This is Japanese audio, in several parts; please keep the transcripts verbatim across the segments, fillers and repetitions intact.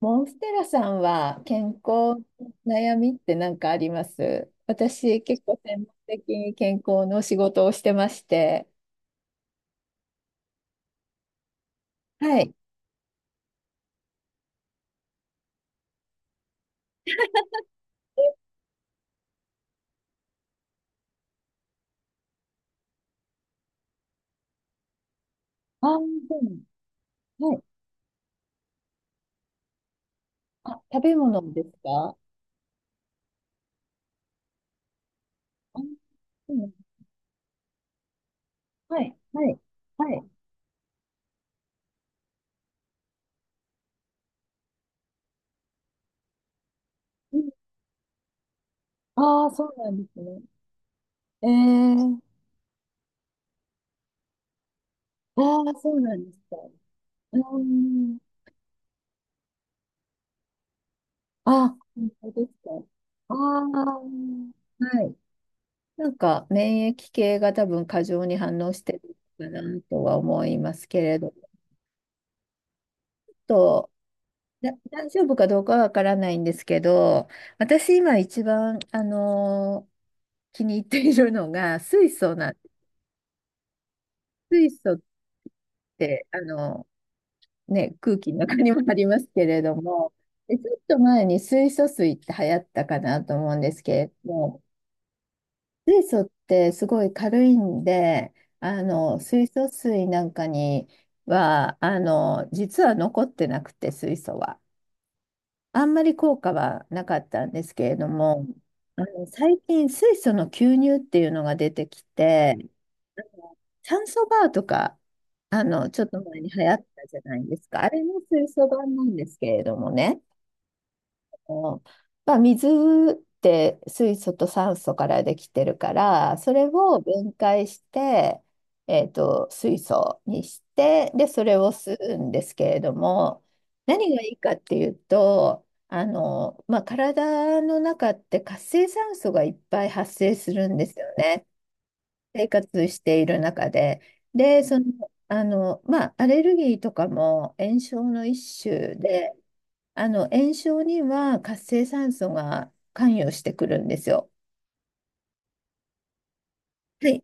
モンステラさんは健康の悩みって何かあります？私、結構専門的に健康の仕事をしてまして。はい。あー、そうなん、はい。あ、食べ物ですか？あ、そうなん、はい。はい。はい。ああー、そうなんですね。えー、ああ、そうなんですか？うーん。あ、本当ですか？ああ、はい。なんか免疫系が多分過剰に反応してるのかなとは思いますけれど、と、だ大丈夫かどうかはわからないんですけど、私今一番、あのー気に入っているのが水素なん、水素って、あのね、空気の中にもありますけれども、でちょっと前に水素水って流行ったかなと思うんですけれども、水素ってすごい軽いんで、あの水素水なんかにはあの実は残ってなくて水素は。あんまり効果はなかったんですけれども、あの最近水素の吸入っていうのが出てきて、酸素バーとかあのちょっと前に流行ったじゃないですか。あれの水素版なんですけれどもね。のまあ、水って水素と酸素からできてるから、それを分解して、えーと、水素にして、で、それを吸うんですけれども、何がいいかっていうと、あの、まあ、体の中って活性酸素がいっぱい発生するんですよね。生活している中で。で、その、あの、まあ、アレルギーとかも炎症の一種で、あの、炎症には活性酸素が関与してくるんですよ。はい。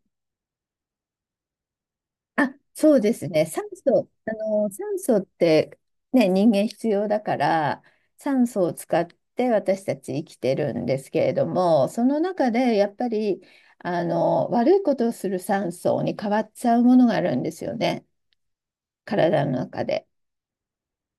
あ、そうですね。酸素、あの、酸素ってね、人間必要だから、酸素を使って私たち生きてるんですけれども、その中でやっぱり、あの、悪いことをする酸素に変わっちゃうものがあるんですよね。体の中で。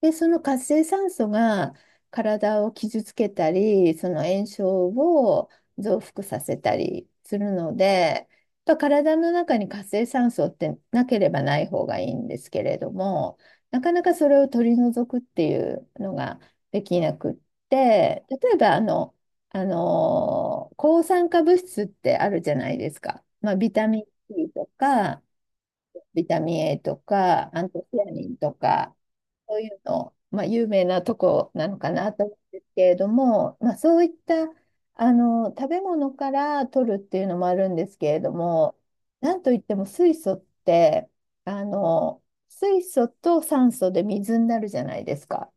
で、その活性酸素が体を傷つけたり、その炎症を増幅させたりするので、やっぱ体の中に活性酸素ってなければない方がいいんですけれども、なかなかそれを取り除くっていうのができなくって、例えばあの、あの抗酸化物質ってあるじゃないですか。まあ、ビタミン シー とか、ビタミン エー とか、アントシアニンとか。そういうの、まあ、有名なとこなのかなと思うんですけれども、まあ、そういったあの食べ物から取るっていうのもあるんですけれども、なんといっても水素ってあの水素と酸素で水になるじゃないですか。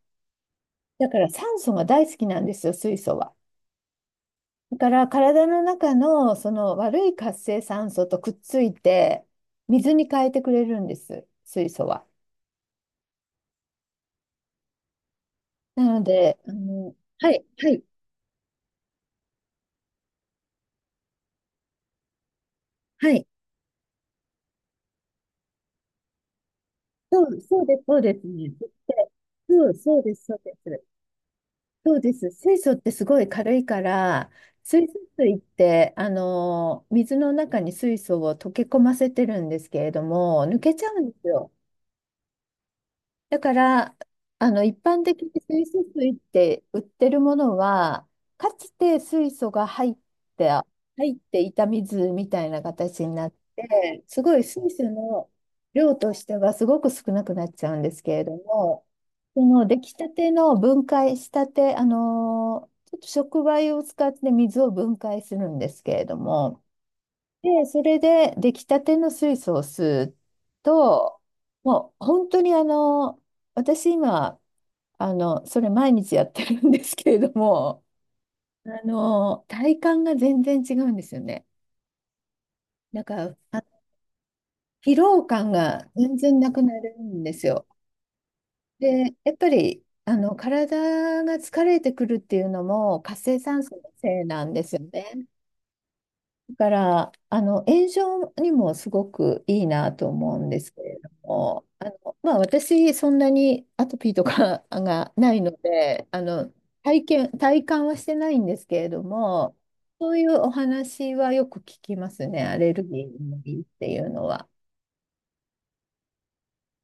だから酸素が大好きなんですよ、水素は。だから体の中のその悪い活性酸素とくっついて水に変えてくれるんです、水素は。なので、あの、はい、はい、はい。そう、そうです、そうですね。でそう、そうです、そうです。そうです。水素ってすごい軽いから、水素水って、あの、水の中に水素を溶け込ませてるんですけれども、抜けちゃうんですよ。だから、あの、一般的に水素水って売ってるものは、かつて水素が入って、入っていた水みたいな形になって、すごい水素の量としてはすごく少なくなっちゃうんですけれども、その出来たての分解したて、あの、ちょっと触媒を使って水を分解するんですけれども、で、それで出来たての水素を吸うと、もう本当にあの、私今、あの、それ毎日やってるんですけれども、あの、体感が全然違うんですよね。なんか、あ、疲労感が全然なくなるんですよ。で、やっぱり、あの、体が疲れてくるっていうのも活性酸素のせいなんですよね。だから、あの、炎症にもすごくいいなと思うんですけれども、あの、まあ、私、そんなにアトピーとか がないので、あの、体験、体感はしてないんですけれども、そういうお話はよく聞きますね、アレルギーのいいっていうのは。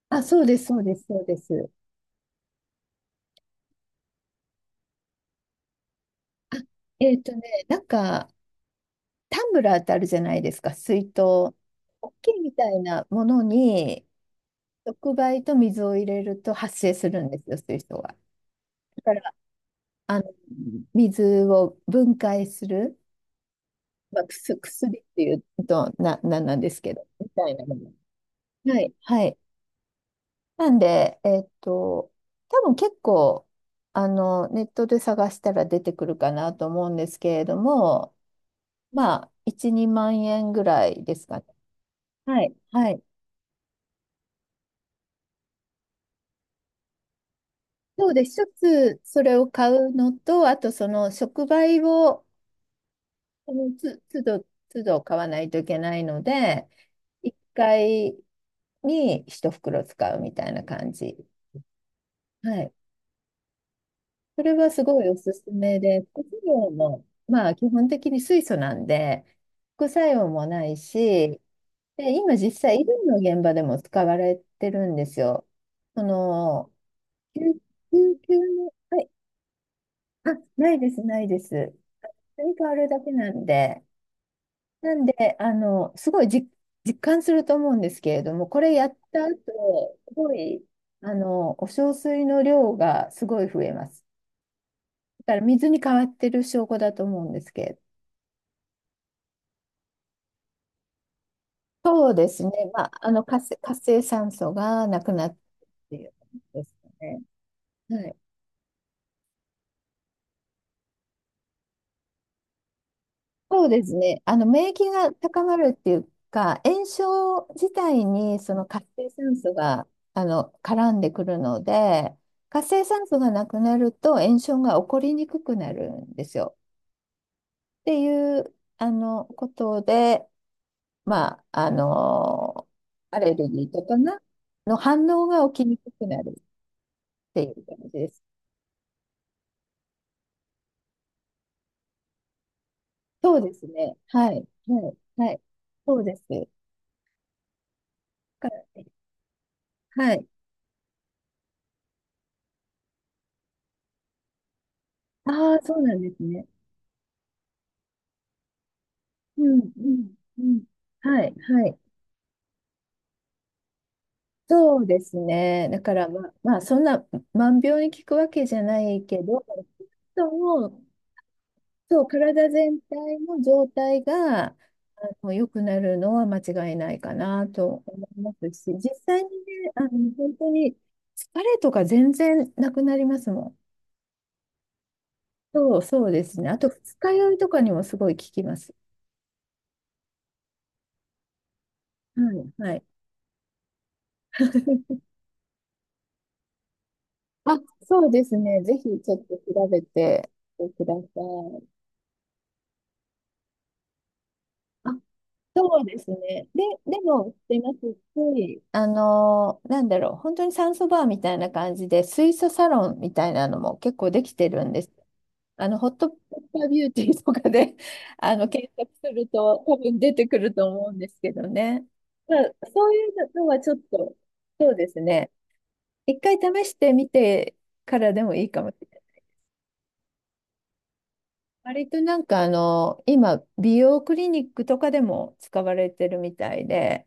あ、そうです、そうです、そうです。えっとね、なんか、タンブラーってあるじゃないですか、水筒。大きいみたいなものに、触媒と水を入れると発生するんですよ、そういう人は。だから、あの、水を分解する、まあ、くす薬っていうと、な、なんなんですけど、みたいなもの。はい、はい。なんで、えっと、多分結構、あの、ネットで探したら出てくるかなと思うんですけれども、まあ、いち、にまん円ぐらいですかね。はい、はい。そうで、一つそれを買うのと、あとその触媒を、そのつ、都度、都度買わないといけないので、いっかいにひと袋使うみたいな感じ。はい。それはすごいおすすめで、副作用も、まあ基本的に水素なんで、副作用もないし、で、今実際医療の現場でも使われてるんですよ。その、救救急の、はい、あ、ないです、ないです。組み変わるだけなんで、なんで、あの、すごいじ実感すると思うんですけれども、これやった後、すごい、あの、お小水の量がすごい増えます。だから水に変わってる証拠だと思うんですけど。そうですね。まあ、あの、活性、活性酸素がなくなってっていうことですね。はい、そうですね。あの、免疫が高まるっていうか、炎症自体にその活性酸素が、あの、絡んでくるので、活性酸素がなくなると炎症が起こりにくくなるんですよ。っていう、あの、ことで、まあ、あの、アレルギーとかな、の反応が起きにくくなるっていう感じです。そうですね。はい。はい。はい。そうです。だから、はい。ああ、そうなんですね。うん、うん、うん。はい、はい。そうですね。だから、ま、まあ、そんな万病に効くわけじゃないけど、そもそう、体全体の状態が、あの、良くなるのは間違いないかなと思いますし、実際にね、あの、本当に疲れとか全然なくなりますもん。そう、そうですね。あと、二日酔いとかにもすごい効きます。はい、はい。あ、そうですね。ぜひちょっと調べてください。あ、そうですね。で、でも、してますし、あのー、なんだろう、本当に酸素バーみたいな感じで、水素サロンみたいなのも結構できてるんです。あの、ホットペッパービューティーとかで あの、検索すると多分出てくると思うんですけどね。まあ、そういうのはちょっと、そうですね。一回試してみてからでもいいかもしれない。割となんかあの、今、美容クリニックとかでも使われてるみたいで、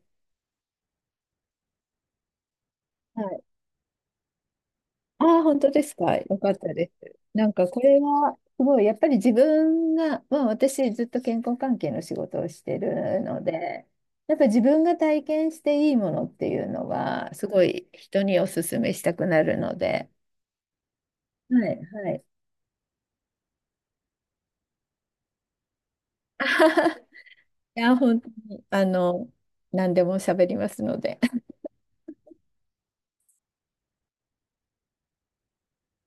はい。ああ、本当ですか？よかったです。なんかこれは、すごい、やっぱり自分が、まあ私ずっと健康関係の仕事をしてるので、やっぱ自分が体験していいものっていうのは、すごい人にお勧めしたくなるので、はい、はい。いや、本当に、あの、何でも喋りますので。